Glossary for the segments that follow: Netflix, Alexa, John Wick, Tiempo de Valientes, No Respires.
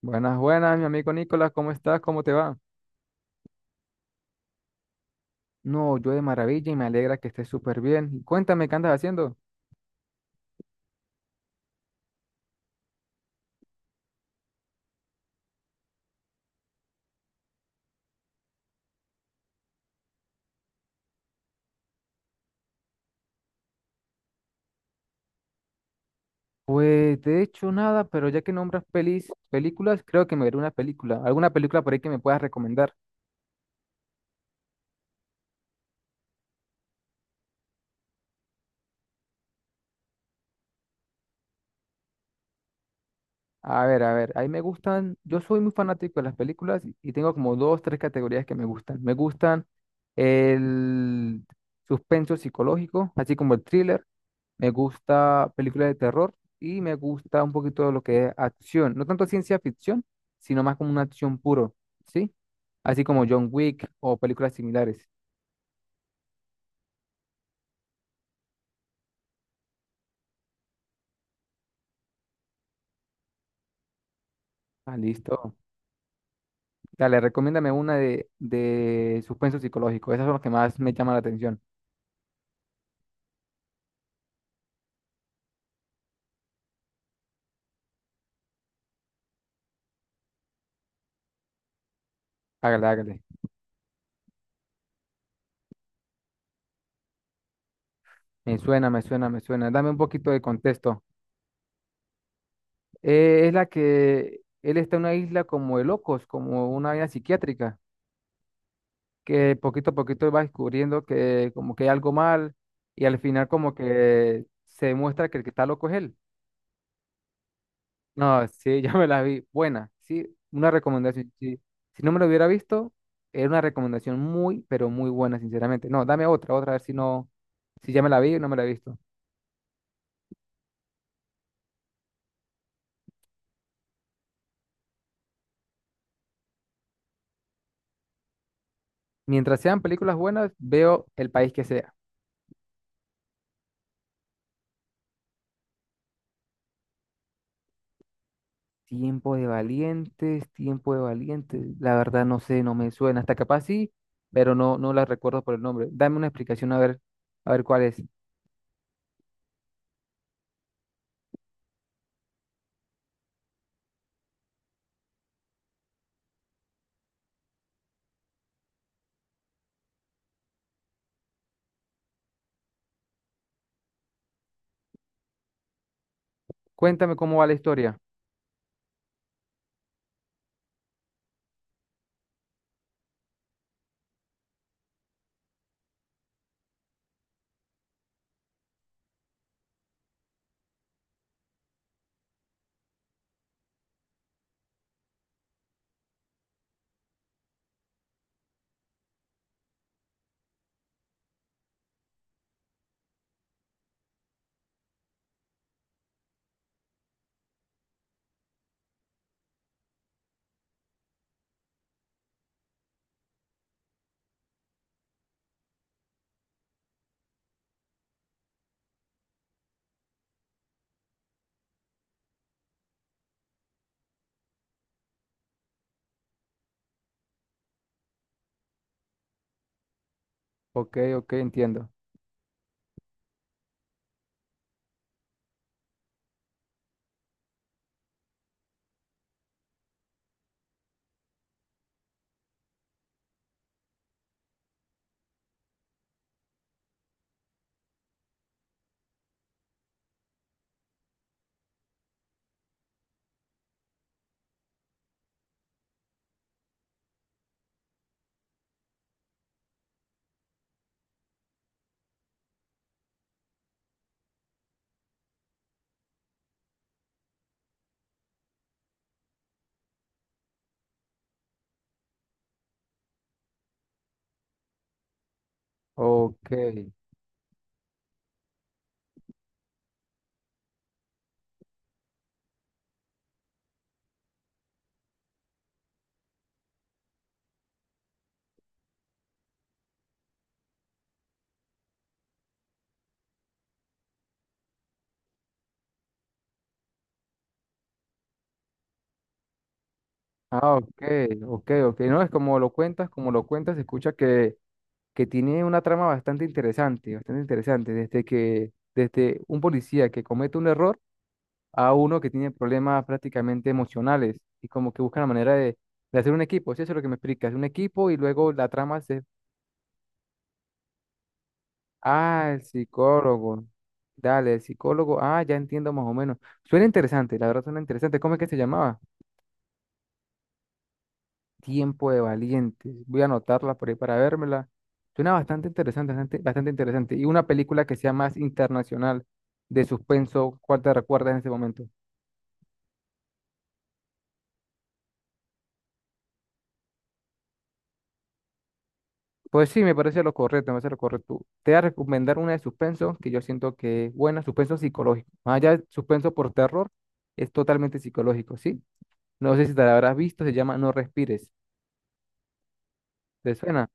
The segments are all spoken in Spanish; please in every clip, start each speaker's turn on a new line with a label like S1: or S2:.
S1: Buenas, buenas, mi amigo Nicolás, ¿cómo estás? ¿Cómo te va? No, yo de maravilla y me alegra que estés súper bien. Y cuéntame, ¿qué andas haciendo? Pues de hecho nada, pero ya que nombras pelis, películas, creo que me veré una película, alguna película por ahí que me puedas recomendar. A ver, ahí me gustan, yo soy muy fanático de las películas y tengo como dos, tres categorías que me gustan. Me gustan el suspenso psicológico, así como el thriller. Me gusta películas de terror y me gusta un poquito de lo que es acción. No tanto ciencia ficción, sino más como una acción puro, ¿sí? Así como John Wick o películas similares. Ah, listo. Dale, recomiéndame una de suspenso psicológico. Esas son las que más me llaman la atención. Hágale, hágale. Me suena, me suena, me suena. Dame un poquito de contexto. Es la que él está en una isla como de locos, como una isla psiquiátrica. Que poquito a poquito va descubriendo que como que hay algo mal y al final como que se demuestra que el que está loco es él. No, sí, ya me la vi. Buena, sí, una recomendación. Sí. Si no me lo hubiera visto, era una recomendación muy, pero muy buena, sinceramente. No, dame otra, otra, a ver si no, si ya me la vi o no me la he visto. Mientras sean películas buenas, veo el país que sea. Tiempo de valientes, tiempo de valientes. La verdad no sé, no me suena. Hasta capaz sí, pero no, no la recuerdo por el nombre. Dame una explicación a ver cuál es. Cuéntame cómo va la historia. Ok, ok, entiendo. Ok. Ah, ok, ok, ok. No, es como lo cuentas, se escucha que tiene una trama bastante interesante, bastante interesante. Desde un policía que comete un error a uno que tiene problemas prácticamente emocionales y como que busca la manera de hacer un equipo. Sí, eso es lo que me explicas, un equipo y luego la trama se... Ah, el psicólogo. Dale, el psicólogo. Ah, ya entiendo más o menos. Suena interesante, la verdad suena interesante. ¿Cómo es que se llamaba? Tiempo de Valientes. Voy a anotarla por ahí para vérmela. Suena bastante interesante, bastante, bastante interesante. Y una película que sea más internacional de suspenso, ¿cuál te recuerdas en ese momento? Pues sí, me parece lo correcto, me parece lo correcto. Te voy a recomendar una de suspenso que yo siento que es buena, suspenso psicológico. Más allá de suspenso por terror, es totalmente psicológico, ¿sí? No sé si te la habrás visto, se llama No Respires. ¿Te suena?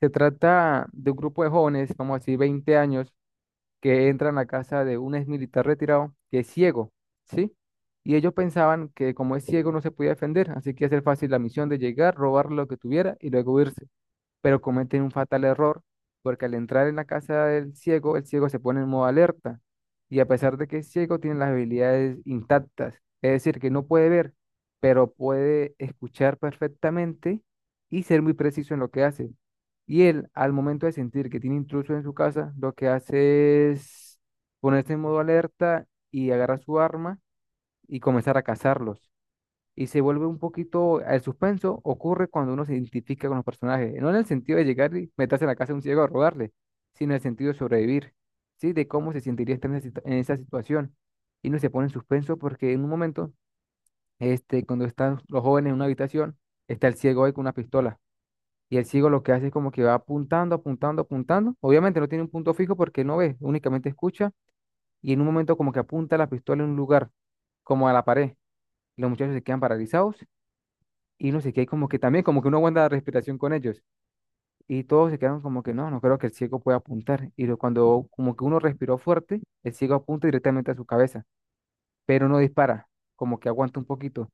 S1: Se trata de un grupo de jóvenes, vamos a decir 20 años, que entran a casa de un ex militar retirado que es ciego, ¿sí? Y ellos pensaban que como es ciego no se podía defender, así que hacer fácil la misión de llegar, robar lo que tuviera y luego irse. Pero cometen un fatal error porque al entrar en la casa del ciego, el ciego se pone en modo alerta y a pesar de que es ciego, tiene las habilidades intactas, es decir, que no puede ver, pero puede escuchar perfectamente y ser muy preciso en lo que hace. Y él, al momento de sentir que tiene intruso en su casa, lo que hace es ponerse en modo alerta y agarra su arma y comenzar a cazarlos y se vuelve un poquito, el suspenso ocurre cuando uno se identifica con los personajes, no en el sentido de llegar y meterse en la casa de un ciego a robarle, sino en el sentido de sobrevivir, ¿sí? De cómo se sentiría estar en en esa situación. Y uno se pone en suspenso porque en un momento, este, cuando están los jóvenes en una habitación, está el ciego ahí con una pistola. Y el ciego lo que hace es como que va apuntando, apuntando, apuntando. Obviamente no tiene un punto fijo porque no ve, únicamente escucha. Y en un momento como que apunta la pistola en un lugar, como a la pared. Los muchachos se quedan paralizados y no sé qué, como que también, como que uno aguanta la respiración con ellos. Y todos se quedaron como que no, no creo que el ciego pueda apuntar. Y cuando como que uno respiró fuerte, el ciego apunta directamente a su cabeza, pero no dispara, como que aguanta un poquito.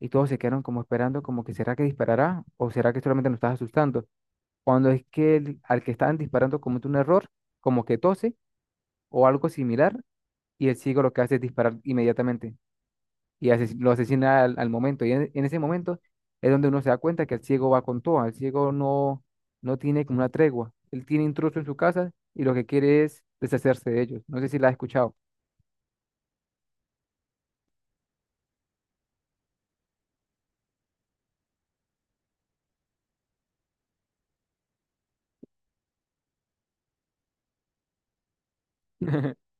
S1: Y todos se quedaron como esperando, como que será que disparará o será que solamente nos estás asustando. Cuando es que al que estaban disparando comete un error, como que tose o algo similar, y el ciego lo que hace es disparar inmediatamente. Y lo asesina al, al momento. Y en ese momento es donde uno se da cuenta que el ciego va con todo, el ciego no, no tiene como una tregua, él tiene intrusos en su casa y lo que quiere es deshacerse de ellos. No sé si la has escuchado.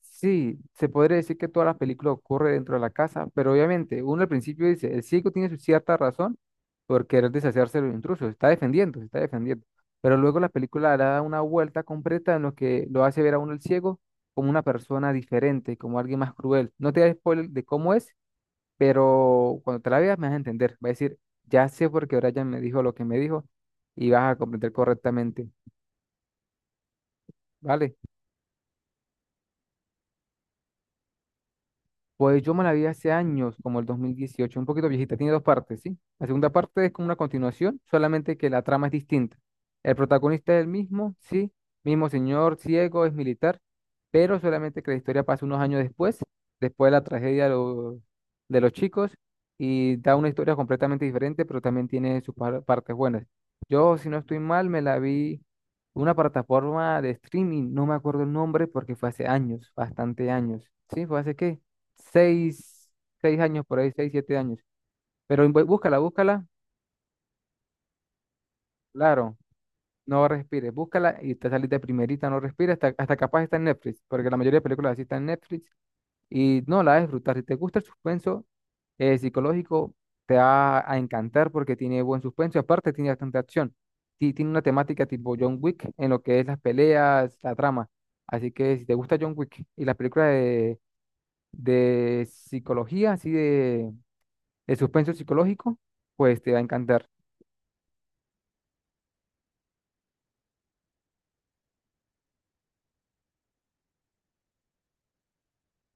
S1: Sí, se podría decir que toda la película ocurre dentro de la casa, pero obviamente uno al principio dice, el ciego tiene su cierta razón por querer deshacerse de los intrusos, se está defendiendo, pero luego la película le da una vuelta completa en lo que lo hace ver a uno el ciego como una persona diferente, como alguien más cruel. No te da spoiler de cómo es, pero cuando te la veas me vas a entender, va a decir, ya sé por qué Brian me dijo lo que me dijo y vas a comprender correctamente, ¿vale? Pues yo me la vi hace años, como el 2018 un poquito viejita, tiene dos partes, ¿sí? La segunda parte es como una continuación, solamente que la trama es distinta. El protagonista es el mismo, sí, mismo señor ciego, es militar, pero solamente que la historia pasa unos años después, después de la tragedia de los chicos, y da una historia completamente diferente, pero también tiene sus partes buenas. Yo, si no estoy mal, me la vi en una plataforma de streaming, no me acuerdo el nombre porque fue hace años, bastante años, ¿sí? Fue hace qué seis, seis años por ahí, seis, siete años. Pero búscala, búscala, claro, no respires, búscala y te salís de primerita, no respires, hasta, hasta capaz está en Netflix, porque la mayoría de películas así están en Netflix y no la vas a disfrutar. Si te gusta el suspenso psicológico, te va a encantar porque tiene buen suspenso y aparte tiene bastante acción. Sí, tiene una temática tipo John Wick en lo que es las peleas, la trama. Así que si te gusta John Wick y las películas de psicología, así de el suspenso psicológico, pues te va a encantar.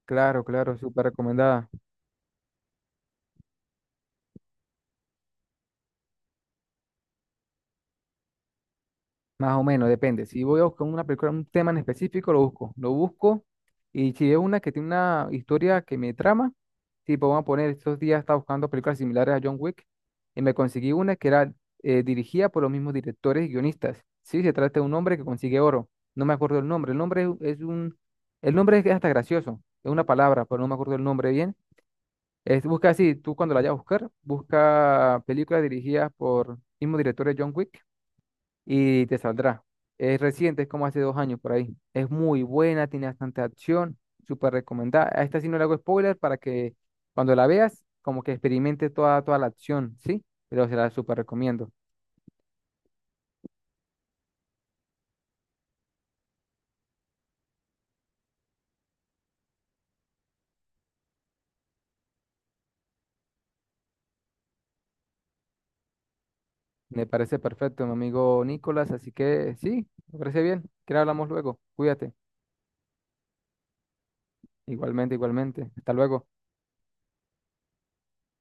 S1: Claro, claro, súper recomendada. Más o menos, depende. Si voy a buscar una película, un tema en específico, lo busco. Lo busco. Y si es una que tiene una historia que me trama, tipo, vamos a poner, estos días estaba buscando películas similares a John Wick y me conseguí una que era dirigida por los mismos directores y guionistas. Sí, se trata de un hombre que consigue oro. No me acuerdo el nombre. El nombre es un... El nombre es hasta gracioso. Es una palabra, pero no me acuerdo el nombre bien. Es, busca así, tú cuando la vayas a buscar, busca películas dirigidas por mismo director de John Wick y te saldrá. Es reciente, es como hace dos años por ahí. Es muy buena, tiene bastante acción, súper recomendada. A esta sí no le hago spoiler para que cuando la veas, como que experimente toda, toda la acción, ¿sí? Pero se la súper recomiendo. Me parece perfecto, mi amigo Nicolás, así que sí, me parece bien. Que hablamos luego. Cuídate. Igualmente, igualmente. Hasta luego.